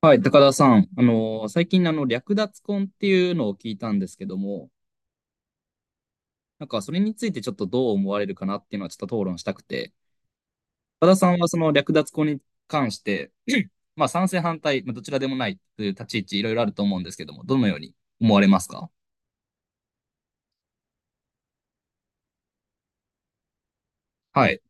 はい、高田さん。最近、略奪婚っていうのを聞いたんですけども、なんか、それについてちょっとどう思われるかなっていうのはちょっと討論したくて、高田さんはその略奪婚に関して、まあ、賛成反対、まあ、どちらでもないという立ち位置いろいろあると思うんですけども、どのように思われますか？はい。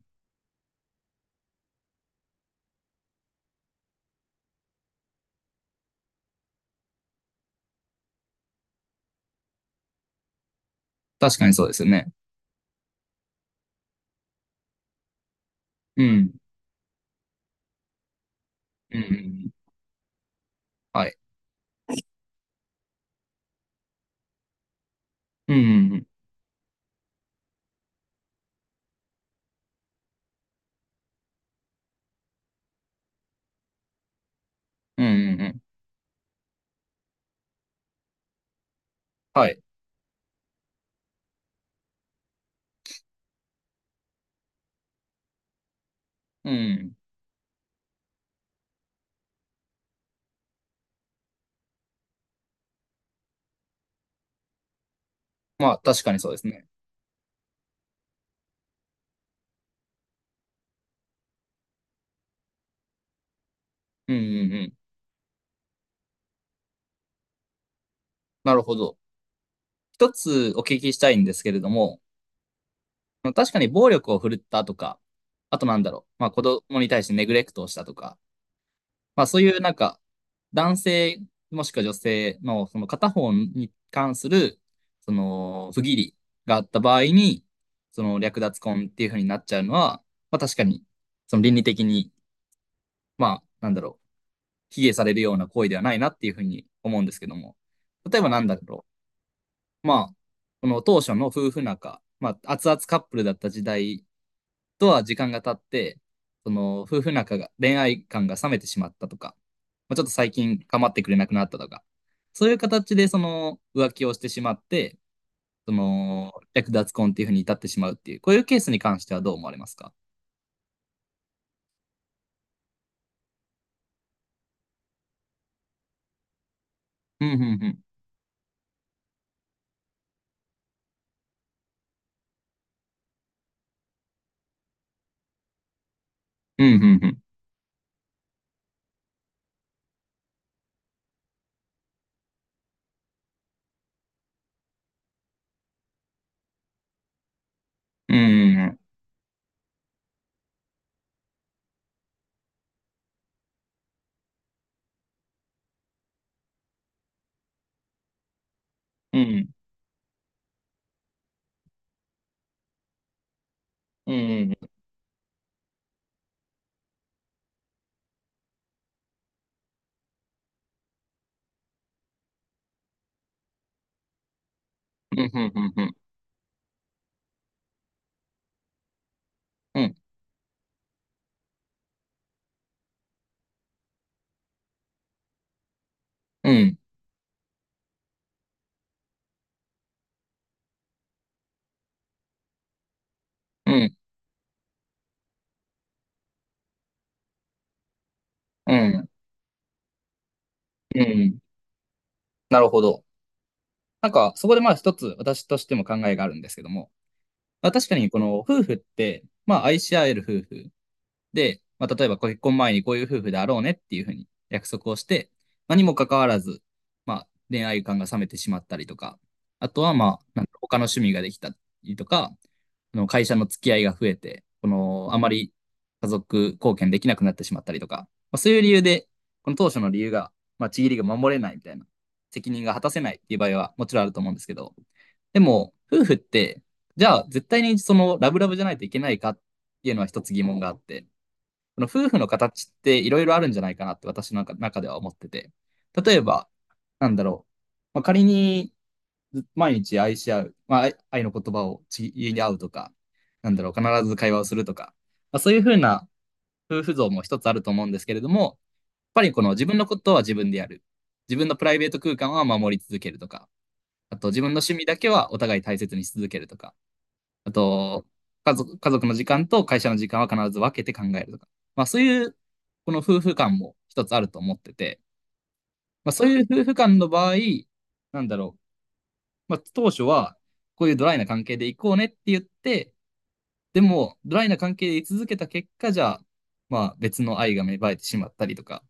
確かにそうですよね。うん。うん。うんはい。うん。うん。うん。うんはい。うん。まあ、確かにそうですね。うん。うん。うんなるほど。一つお聞きしたいんですけれども、確かに暴力を振るったとか、あとなんだろう、まあ子供に対してネグレクトをしたとか、まあそういうなんか、男性もしくは女性のその片方に関する、その不義理があった場合に、その略奪婚っていう風になっちゃうのは、まあ確かに、その倫理的に、まあなんだろう、卑下されるような行為ではないなっていう風に思うんですけども、例えばなんだろまあ、この当初の夫婦仲、まあ、熱々カップルだった時代とは時間が経って、その夫婦仲が、恋愛感が冷めてしまったとか、まあ、ちょっと最近構ってくれなくなったとか、そういう形でその浮気をしてしまって、その略奪婚っていうふうに至ってしまうっていう、こういうケースに関してはどう思われますか？うんうんうん。うんうんうん。うんうんうん。うんうんうん。うんうんうん。うんうんうん。うんうんうん。なるほど。なんか、そこでまあ一つ私としても考えがあるんですけども、まあ、確かにこの夫婦って、まあ愛し合える夫婦で、まあ、例えば結婚前にこういう夫婦であろうねっていうふうに約束をして、まあ、にもかかわらず、まあ、恋愛感が冷めてしまったりとか、あとは、まあ、なんか他の趣味ができたりとか、会社の付き合いが増えて、この、あまり家族貢献できなくなってしまったりとか、まあ、そういう理由で、この当初の理由が、まあ、ちぎりが守れないみたいな、責任が果たせないっていう場合はもちろんあると思うんですけど、でも、夫婦って、じゃあ絶対にそのラブラブじゃないといけないかっていうのは一つ疑問があって、この夫婦の形っていろいろあるんじゃないかなって私の中では思ってて。例えば、なんだろう。まあ、仮に毎日愛し合う、まあ、愛愛の言葉をちぎり合うとか、なんだろう、必ず会話をするとか、まあ、そういうふうな夫婦像も一つあると思うんですけれども、やっぱりこの自分のことは自分でやる。自分のプライベート空間は守り続けるとか、あと自分の趣味だけはお互い大切にし続けるとか、あと、家族、家族の時間と会社の時間は必ず分けて考えるとか。まあそういう、この夫婦間も一つあると思ってて、まあそういう夫婦間の場合、なんだろう。まあ当初は、こういうドライな関係で行こうねって言って、でも、ドライな関係で居続けた結果じゃあ、まあ別の愛が芽生えてしまったりとか、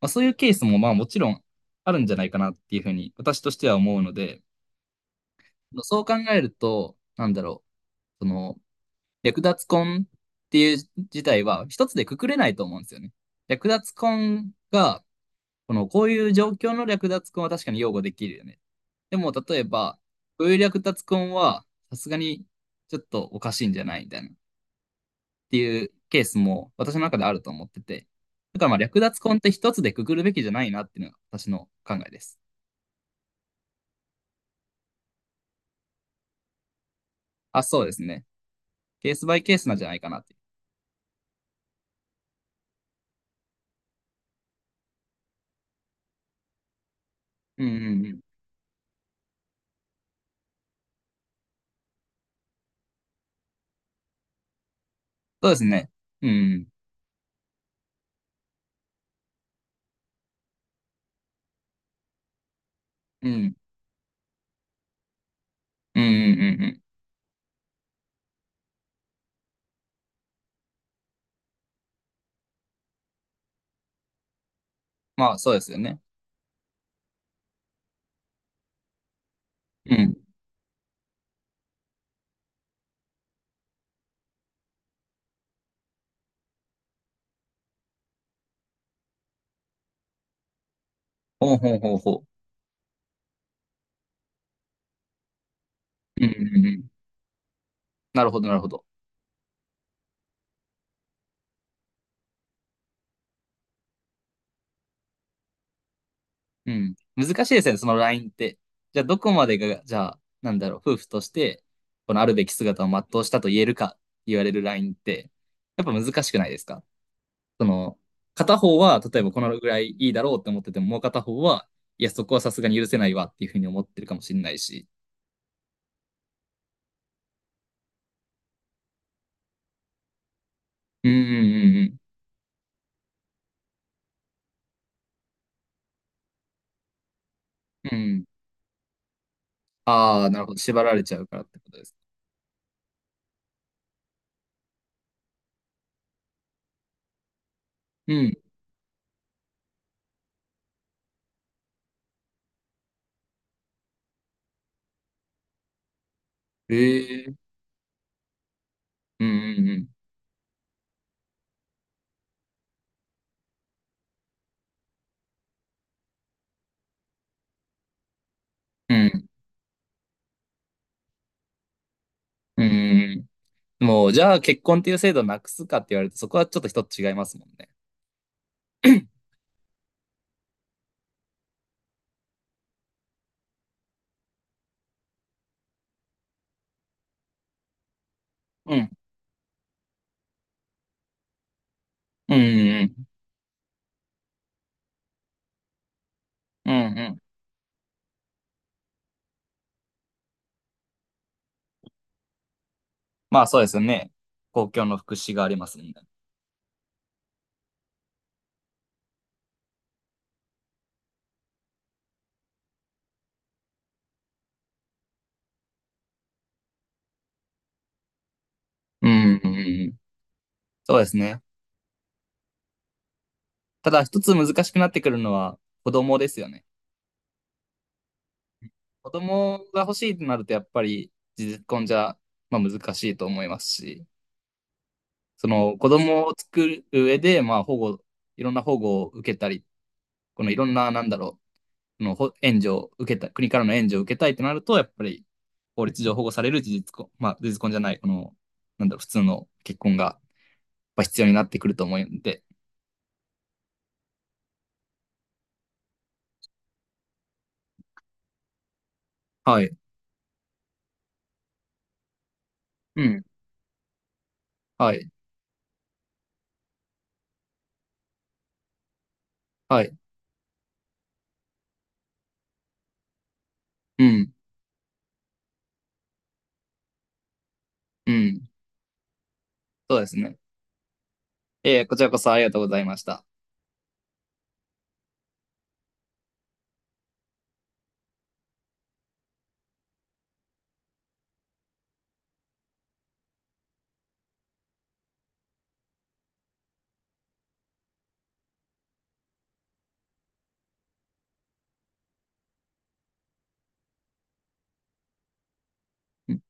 まあそういうケースもまあもちろんあるんじゃないかなっていうふうに私としては思うので、そう考えると、なんだろう。その、略奪婚っていう事態は一つでくくれないと思うんですよね。略奪婚が、この、こういう状況の略奪婚は確かに擁護できるよね。でも、例えば、こういう略奪婚は、さすがにちょっとおかしいんじゃないみたいな、っていうケースも私の中であると思ってて。だからまあ略奪婚って一つでくくるべきじゃないなっていうのが私の考えです。あ、そうですね。ケースバイケースなんじゃないかなって。うんうんうん。そうですね。うんうん。うん。うんうんうんうん。まあそうですよね。うん。ほうほうほうほう。うんうんうん。なるほど、なるほど。うん。難しいですね、そのラインって。じゃあ、どこまでが、じゃあ、なんだろう、夫婦として、このあるべき姿を全うしたと言えるか、言われるラインって、やっぱ難しくないですか？その、片方は、例えばこのぐらいいいだろうって思ってても、もう片方は、いや、そこはさすがに許せないわっていうふうに思ってるかもしれないし。うんうんうんうん。うん。ああ、なるほど。縛られちゃうからってことです。うん。ええうんうんうん。うん。うんうんうん。もう、じゃあ結婚っていう制度なくすかって言われると、そこはちょっと一つ違いますもんね。うん。うんうんうん。うんうん。まあそうですよね。公共の福祉がありますもんね。うんうんうん。そうですね。ただ一つ難しくなってくるのは子供ですよね。子供が欲しいとなるとやっぱり実婚じゃ、まあ、難しいと思いますし、その子供を作る上で、まあ保護、いろんな保護を受けたり、このいろんな、なんだろう、のほ援助を受けたい、国からの援助を受けたいとなると、やっぱり法律上保護される事実婚、まあ、事実婚じゃない、この、なんだろう、普通の結婚がやっぱ必要になってくると思うんで、はい、うん、はい、はい、うん、うん、そうですね。こちらこそありがとうございました。うん